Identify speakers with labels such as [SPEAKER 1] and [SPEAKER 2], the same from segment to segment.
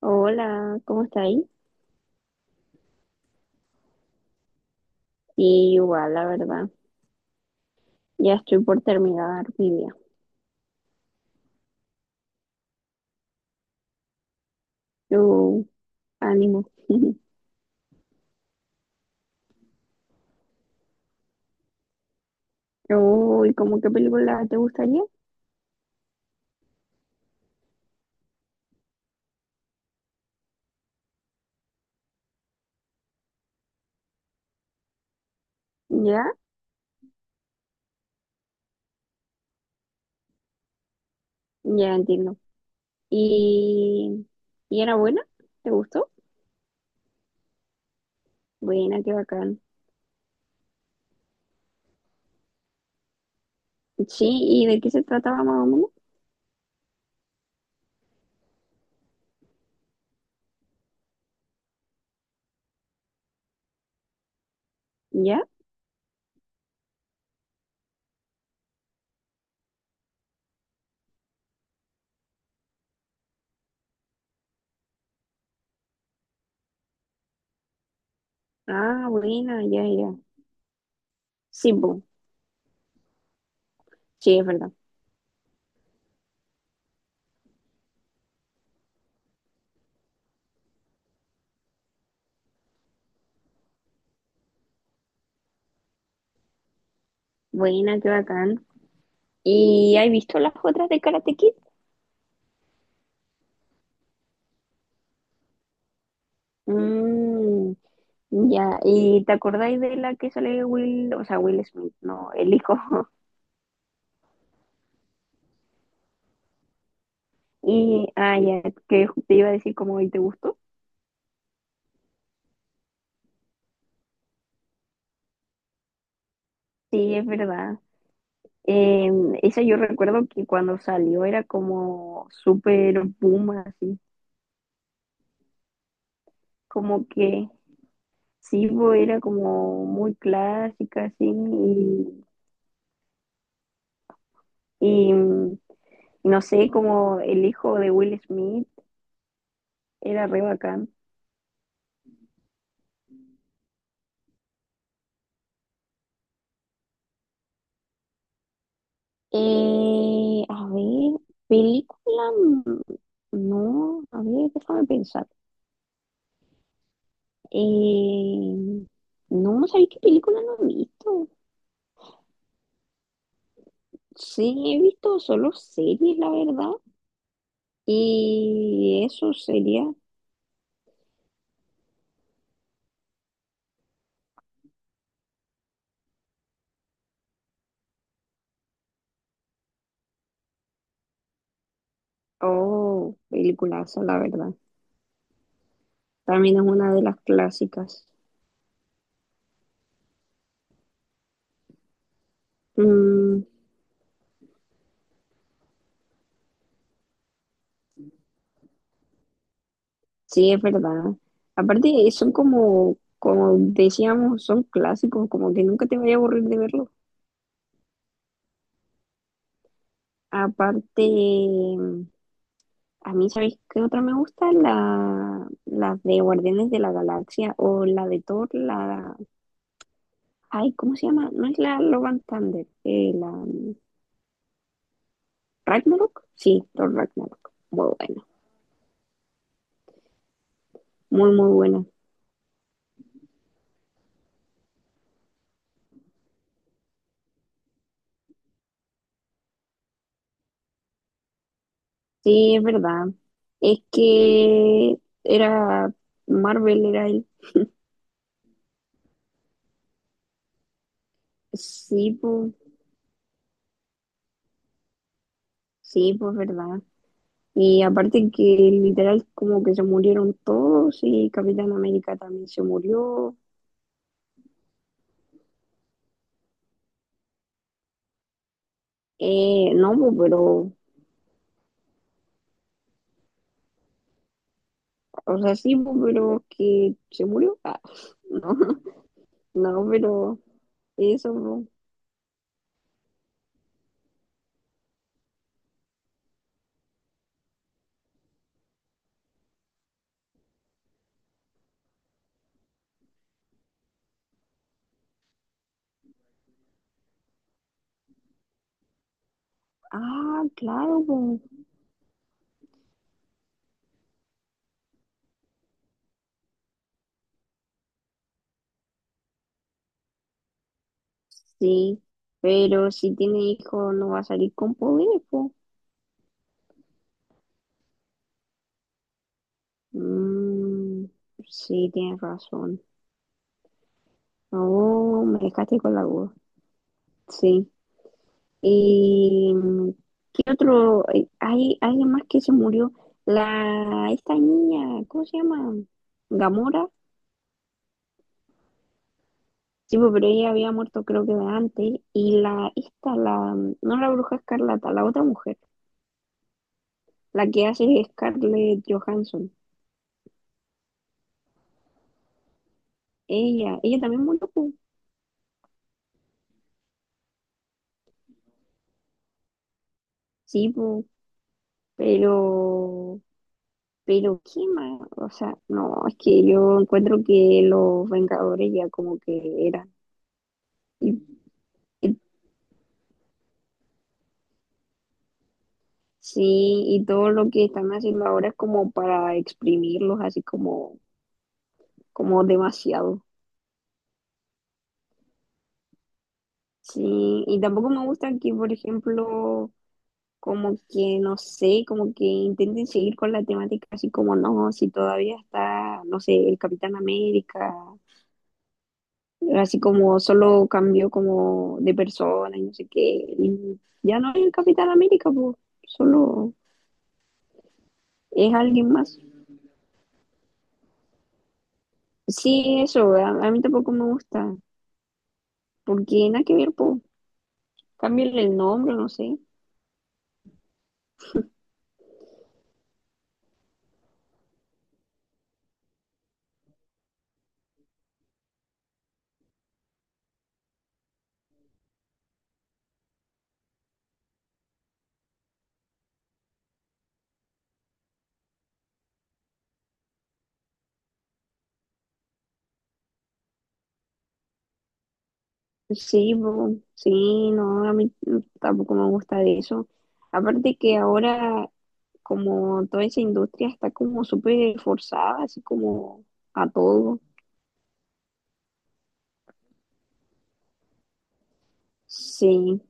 [SPEAKER 1] Hola, ¿cómo estáis? Sí, igual, la verdad. Ya estoy por terminar mi día. Yo, ánimo. Uy, ¿cómo qué película te gustaría? Ya, ya entiendo. ¿Y, y era buena? ¿Te gustó? Buena, qué bacán. Sí, ¿y de qué se trataba más o menos? ¿Ya? Ah, buena, ya, ya. Sí, bu- sí, es verdad. Buena, qué bacán. ¿Y has visto las otras de Karate Kid? Mmm. Ya, ¿y te acordáis de la que sale Will, o sea, Will Smith, no, el hijo? Y, ah, ya, que te iba a decir como, ¿y te gustó? Sí, es verdad. Eh, Esa yo recuerdo que cuando salió era como súper boom, así, como que sí, bo, era como muy clásica, así, y, y mm, no sé, como el hijo de Will Smith era re bacán. A ver, película, no, a ver, déjame pensar. Eh, no, ¿sabéis qué película no he visto? Sí, he visto solo series, la verdad. Y eso sería, oh, peliculaza, la verdad. También es una de las clásicas. Mm, sí, es verdad. Aparte, son como, como decíamos, son clásicos, como que nunca te voy a aburrir de verlo. Aparte, a mí, ¿sabéis qué otra me gusta? La, las de Guardianes de la Galaxia o la de Thor, la… Ay, ¿cómo se llama? No es la Love and Thunder, la Ragnarok. Sí, Thor Ragnarok. Muy buena, muy, muy buena. Sí, es verdad. Es que era Marvel, era el… Sí, pues, sí, pues, verdad. Y aparte que literal como que se murieron todos y Capitán América también se murió. No, pues, pero o sea, sí, po, pero que se murió. Ah, no, no, pero eso. Po. Ah, claro, po. Sí, pero si tiene hijo no va a salir con poderes, po. Mm, sí, tienes razón. Oh, me dejaste con la duda. Sí. ¿Y qué otro? Hay alguien más que se murió. La, esta niña, ¿cómo se llama? Gamora. Sí, pues, pero ella había muerto creo que de antes. Y la, esta, la, no la bruja escarlata, la otra mujer, la que hace Scarlett Johansson. Ella también murió, pues. Sí, pues, pero, pero, ¿qué más? O sea, no, es que yo encuentro que los Vengadores ya como que eran. Y- y- sí, y todo lo que están haciendo ahora es como para exprimirlos así como, como demasiado. Sí, y tampoco me gusta que, por ejemplo, como que, no sé, como que intenten seguir con la temática, así como no, si todavía está, no sé, el Capitán América, así como solo cambió como de persona y no sé qué, y ya no es el Capitán América, pues, solo es alguien más. Sí, eso, a mí tampoco me gusta, porque nada que ver, pues, cámbiale el nombre, no sé. Sí, po, sí, no, a mí tampoco me gusta de eso. Aparte que ahora como toda esa industria está como súper forzada, así como a todo. Sí,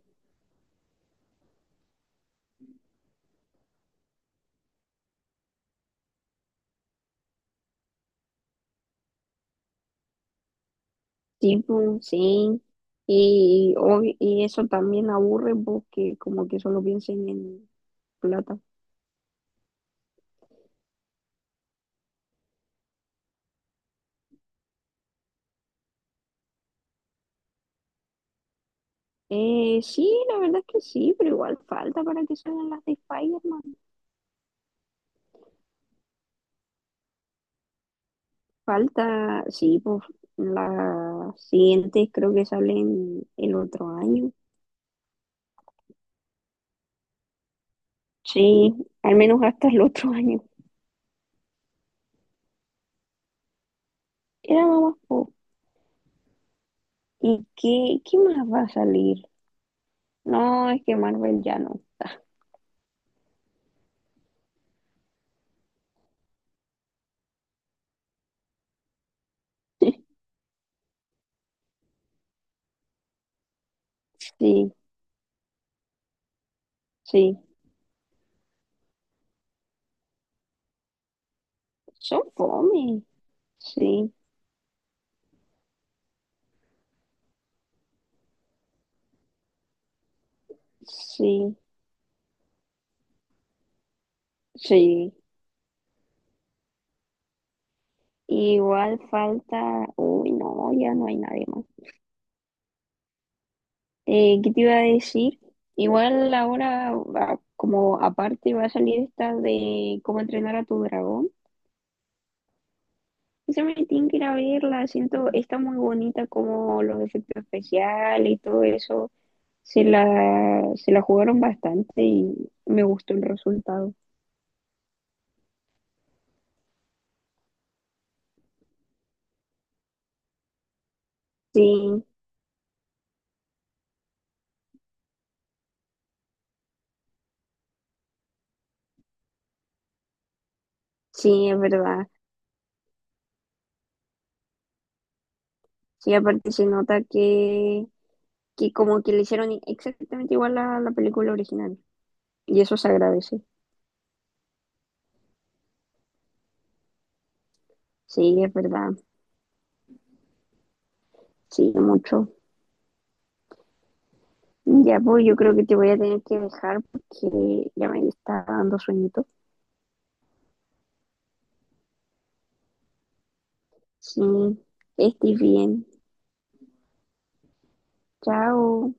[SPEAKER 1] tipo, sí. Y eso también aburre porque como que solo piensen en plata. Sí, la verdad es que sí, pero igual falta para que salgan las de Spider-Man. Falta, sí, pues las siguientes creo que salen el otro año. Sí, al menos hasta el otro año. Era nada más, po. ¿Y qué, qué más va a salir? No, es que Marvel ya no. Sí, sí. Son fome. Sí, sí, sí. Igual falta. Uy, no, ya no hay nadie más. ¿Qué te iba a decir? Igual ahora, como aparte, va a salir esta de cómo entrenar a tu dragón. Esa me tienen que ir a verla. Siento, está muy bonita como los efectos especiales y todo eso. Se la jugaron bastante y me gustó el resultado. Sí. Sí, es verdad. Sí, aparte se nota que como que le hicieron exactamente igual a la película original. Y eso se agradece. Sí, es verdad. Sí, mucho. Ya, pues yo creo que te voy a tener que dejar porque ya me está dando sueñito. Sí, estés bien. Chao.